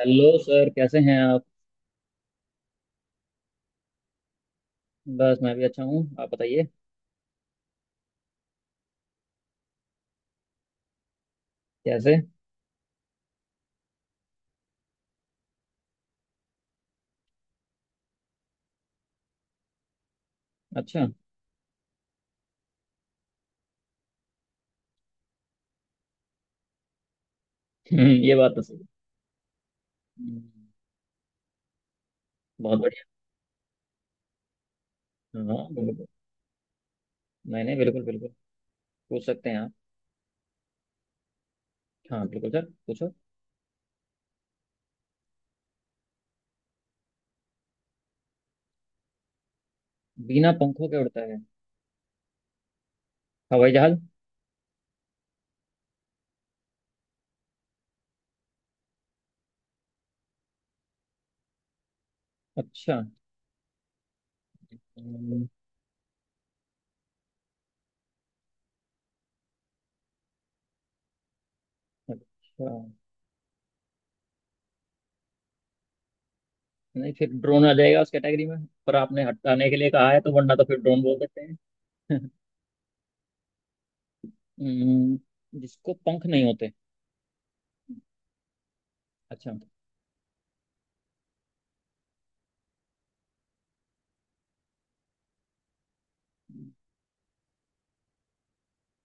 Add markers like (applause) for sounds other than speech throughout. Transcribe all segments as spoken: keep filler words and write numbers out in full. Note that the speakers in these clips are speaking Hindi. हेलो सर, कैसे हैं आप। बस मैं भी अच्छा हूँ, आप बताइए। कैसे। अच्छा। हम्म, ये बात तो सही है। हम्म। बहुत। बढ़िया, हाँ बिल्कुल। नहीं नहीं, बिल्कुल बिल्कुल। पूछ सकते हैं आप। हाँ बिल्कुल सर, पूछो। बिना पंखों के उड़ता है। हवाई जहाज। अच्छा। हम्म। अच्छा। नहीं, फिर ड्रोन आ जाएगा उस कैटेगरी में, पर आपने हटाने के लिए कहा है तो वरना तो फिर ड्रोन बोल देते हैं। (laughs) हम्म। जिसको पंख नहीं होते। अच्छा।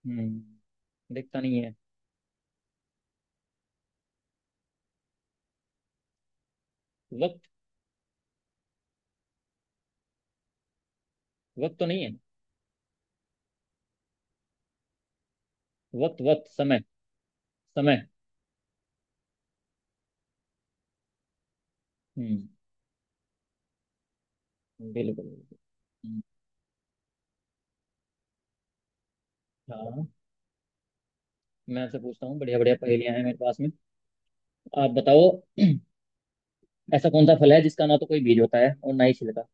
हम्म। दिखता नहीं है। वक्त। वक्त तो नहीं है। वक्त वक्त समय। समय। हम्म। बिल्कुल बिल्कुल। हम्म। हाँ। मैं आपसे पूछता हूँ, बढ़िया बढ़िया पहेलियां हैं मेरे पास में। आप बताओ। ऐसा कौन सा फल है जिसका ना तो कोई बीज होता है और ना ही छिलका।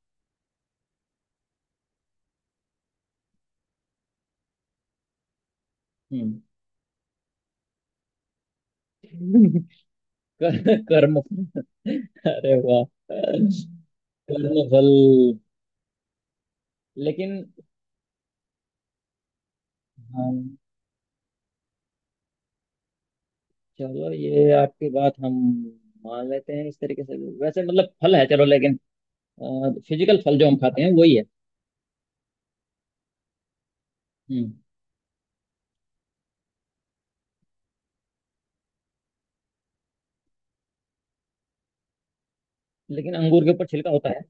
हम्म। (laughs) कर, कर्म अरे वाह। कर्म फल। लेकिन। हम। चलो ये आपकी बात हम मान लेते हैं इस तरीके से। वैसे मतलब फल है चलो, लेकिन फिजिकल फल जो हम खाते हैं वही है। हम्म। लेकिन अंगूर के ऊपर छिलका होता है।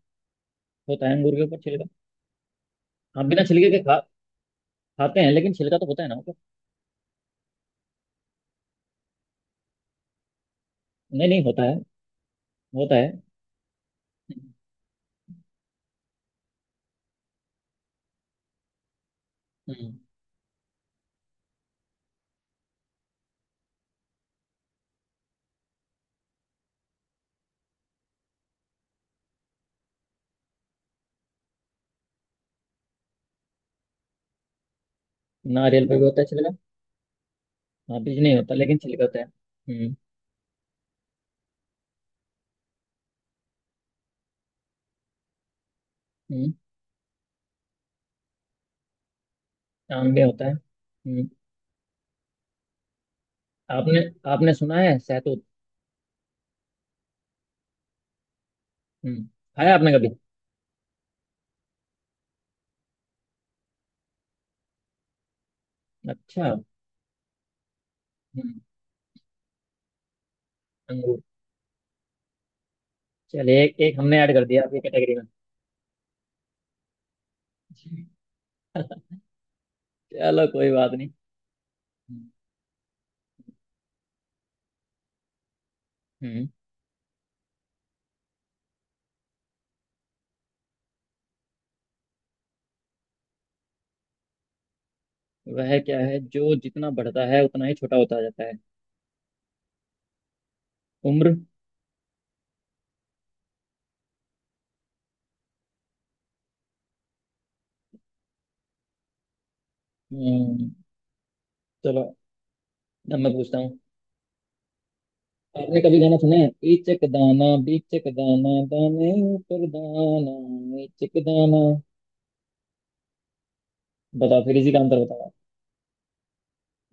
होता है अंगूर के ऊपर छिलका। हम बिना छिलके के खा खाते हैं लेकिन छिलका तो होता है ना, मतलब। नहीं नहीं, होता है। होता है। हम्म। नारियल पे भी होता है छिलका। हाँ, बीज नहीं होता लेकिन छिलका होता है। हम्म। हम्म। आम भी होता है। हम्म। आपने आपने सुना है सहतूत। हम्म। खाया आपने कभी। अच्छा। हम्म। अंगूर। चलिए एक एक हमने ऐड कर दिया आपकी कैटेगरी में। चलो कोई बात नहीं। हम्म। वह क्या है जो जितना बढ़ता है उतना ही छोटा होता जाता है। उम्र। हम्म। चलो, अब मैं पूछता हूँ। आपने कभी गाना सुना है, ईचक दाना बीचक दाना दाने ऊपर दाना ईचक दाना। बताओ फिर इसी का अंतर बताओ आप।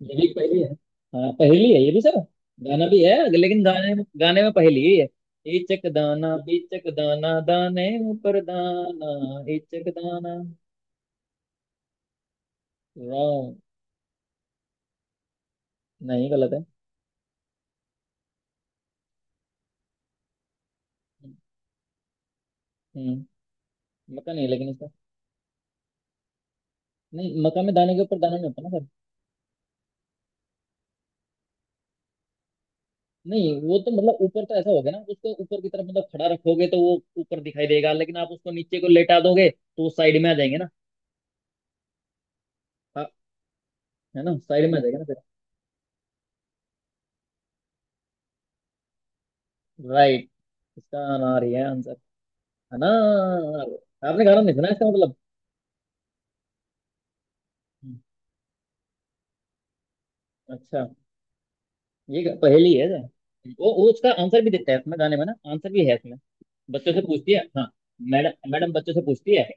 ये भी एक पहेली है। हाँ पहेली है ये भी सर। गाना भी है लेकिन गाने में गाने में पहेली ही है। ईचक दाना बीचक दाना दाने ऊपर दाना ईचक दाना। रॉन्ग। नहीं गलत है। हम्म। मक्का नहीं है लेकिन इसका। नहीं, मक्का में दाने के ऊपर दाना नहीं होता ना। नहीं, वो तो मतलब ऊपर तो ऐसा हो गया ना, उसको ऊपर की तरफ मतलब खड़ा रखोगे तो वो ऊपर दिखाई देगा, लेकिन आप उसको नीचे को लेटा दोगे तो साइड में आ जाएंगे ना। हाँ, है ना साइड में आ जाएगा ना फिर। राइट। इसका अनार ही है आंसर। अनार। आपने गाना नहीं सुना इसका मतलब। हम्म। अच्छा। ये ग- पहेली है ना? वो वो उसका आंसर भी देता है इसमें, गाने में ना आंसर भी है इसमें। बच्चों से पूछती है हाँ। मैडम मैडम बच्चों से पूछती है।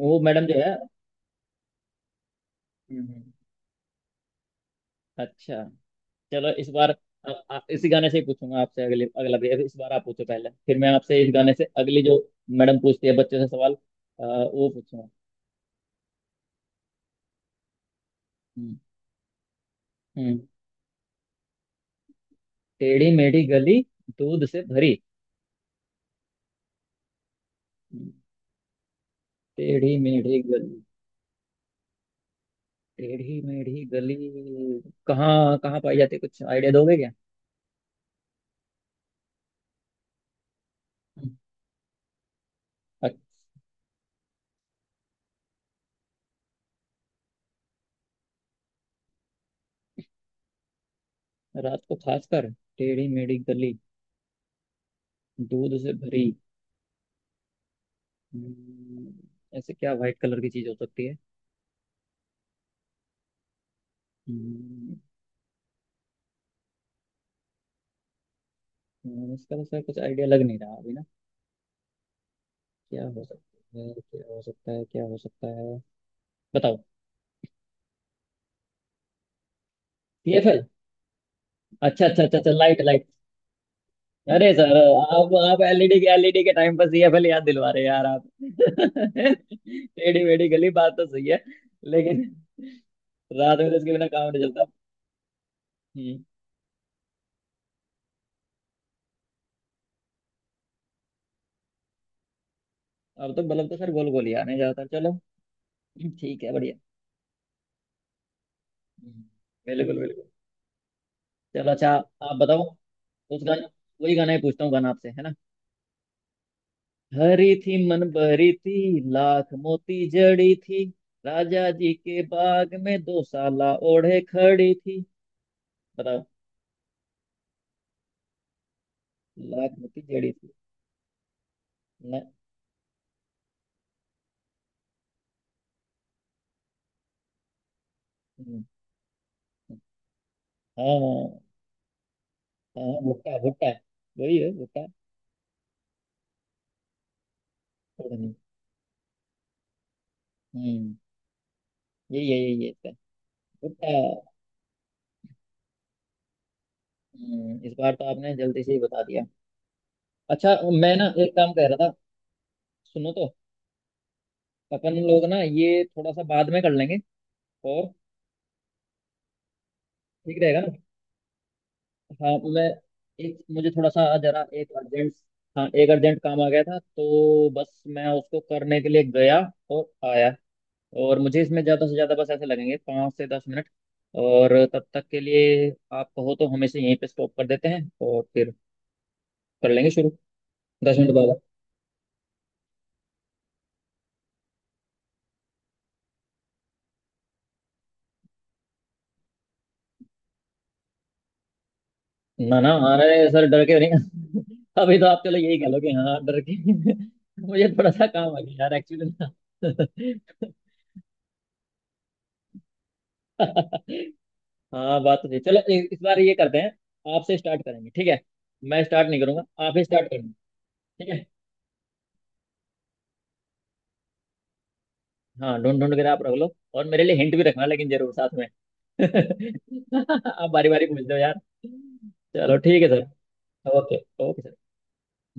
वो मैडम जो है। हम्म। हम्म। अच्छा। चलो इस बार अ- अ- इसी गाने से ही पूछूंगा आपसे अगले, अगला भी अभी इस बार आप पूछो पहले, फिर मैं आपसे इस गाने से अगली जो मैडम पूछती है बच्चों से सवाल, अ, वो पूछूंगा। हम्म। हम्म। टेढ़ी मेढ़ी गली दूध से भरी। हम्म, टेढ़ी मेढ़ी गली। टेढ़ी मेढ़ी गली कहाँ कहाँ पाई जाती है, कुछ आइडिया दोगे क्या। हम्म। अ- रात को खासकर। टेढ़ी मेढ़ी गली दूध से भरी। हम्म, ऐसे क्या व्हाइट कलर की चीज हो सकती है। हम्म। हम्म, इसका तो सर कुछ आइडिया लग नहीं रहा अभी ना। क्या हो सकता है, क्या हो सकता है, क्या हो सकता है। बताओ। सीएफएल। अच्छा अच्छा अच्छा अच्छा, लाइट लाइट। अरे सर, आप आप एलईडी के एलईडी के टाइम पर सीएफएल याद दिलवा रहे हैं यार आप। (laughs) टेढ़ी मेढ़ी गली बात तो सही है, लेकिन रात में तो इसके बिना काम नहीं चलता। हम्म। अब तो बल्ब तो सर गोल गोल ही आने जाता, चलो ठीक है बढ़िया। हम्म, बिल्कुल बिल्कुल। चलो अच्छा। आप बताओ। उस गाने। वही गाना ही पूछता हूँ, गाना आपसे है ना। हरी थी मन भरी थी, लाख मोती जड़ी थी, राजा जी के बाग में दो साला ओढ़े खड़ी थी। बताओ। लाख मोती जड़ी थी। न। हम्म। हाँ। हाँ भुट्टा भुट्टा, वही है भुट्टा। पता नहीं। हम्म। यही है यही है इसका। भुट्टा। हम्म, इस बार तो आपने जल्दी से ही बता दिया। अच्छा। मैं ना एक काम कह रहा था, सुनो तो। अपन लोग ना ये थोड़ा सा बाद में कर लेंगे। और, ठीक रहेगा ना। हाँ, तो मैं एक, मुझे थोड़ा सा जरा एक अर्जेंट। हाँ, एक अर्जेंट काम आ गया था तो बस मैं उसको करने के लिए गया और आया। और मुझे इसमें ज़्यादा से ज़्यादा बस ऐसे लगेंगे पाँच से दस मिनट, और तब तक के लिए आप कहो तो हम इसे यहीं पे स्टॉप कर देते हैं और फिर कर लेंगे शुरू दस मिनट बाद। ना ना, अरे सर डर के नहीं। (laughs) अभी तो आप चलो यही कह लोगे हाँ डर के। (laughs) मुझे थोड़ा सा काम आ गया यार एक्चुअली ना। (laughs) हाँ बात तो सही, चलो इ- इस बार ये करते हैं, आपसे स्टार्ट करेंगे, ठीक है। मैं स्टार्ट नहीं करूंगा, आप ही स्टार्ट करेंगे। ठीक है। हाँ ढूंढ ढूंढ कर आप रख लो, और मेरे लिए हिंट भी रखना लेकिन जरूर साथ में। (laughs) आप बारी बारी पूछ लो यार। चलो ठीक है सर। ओके। Okay sir.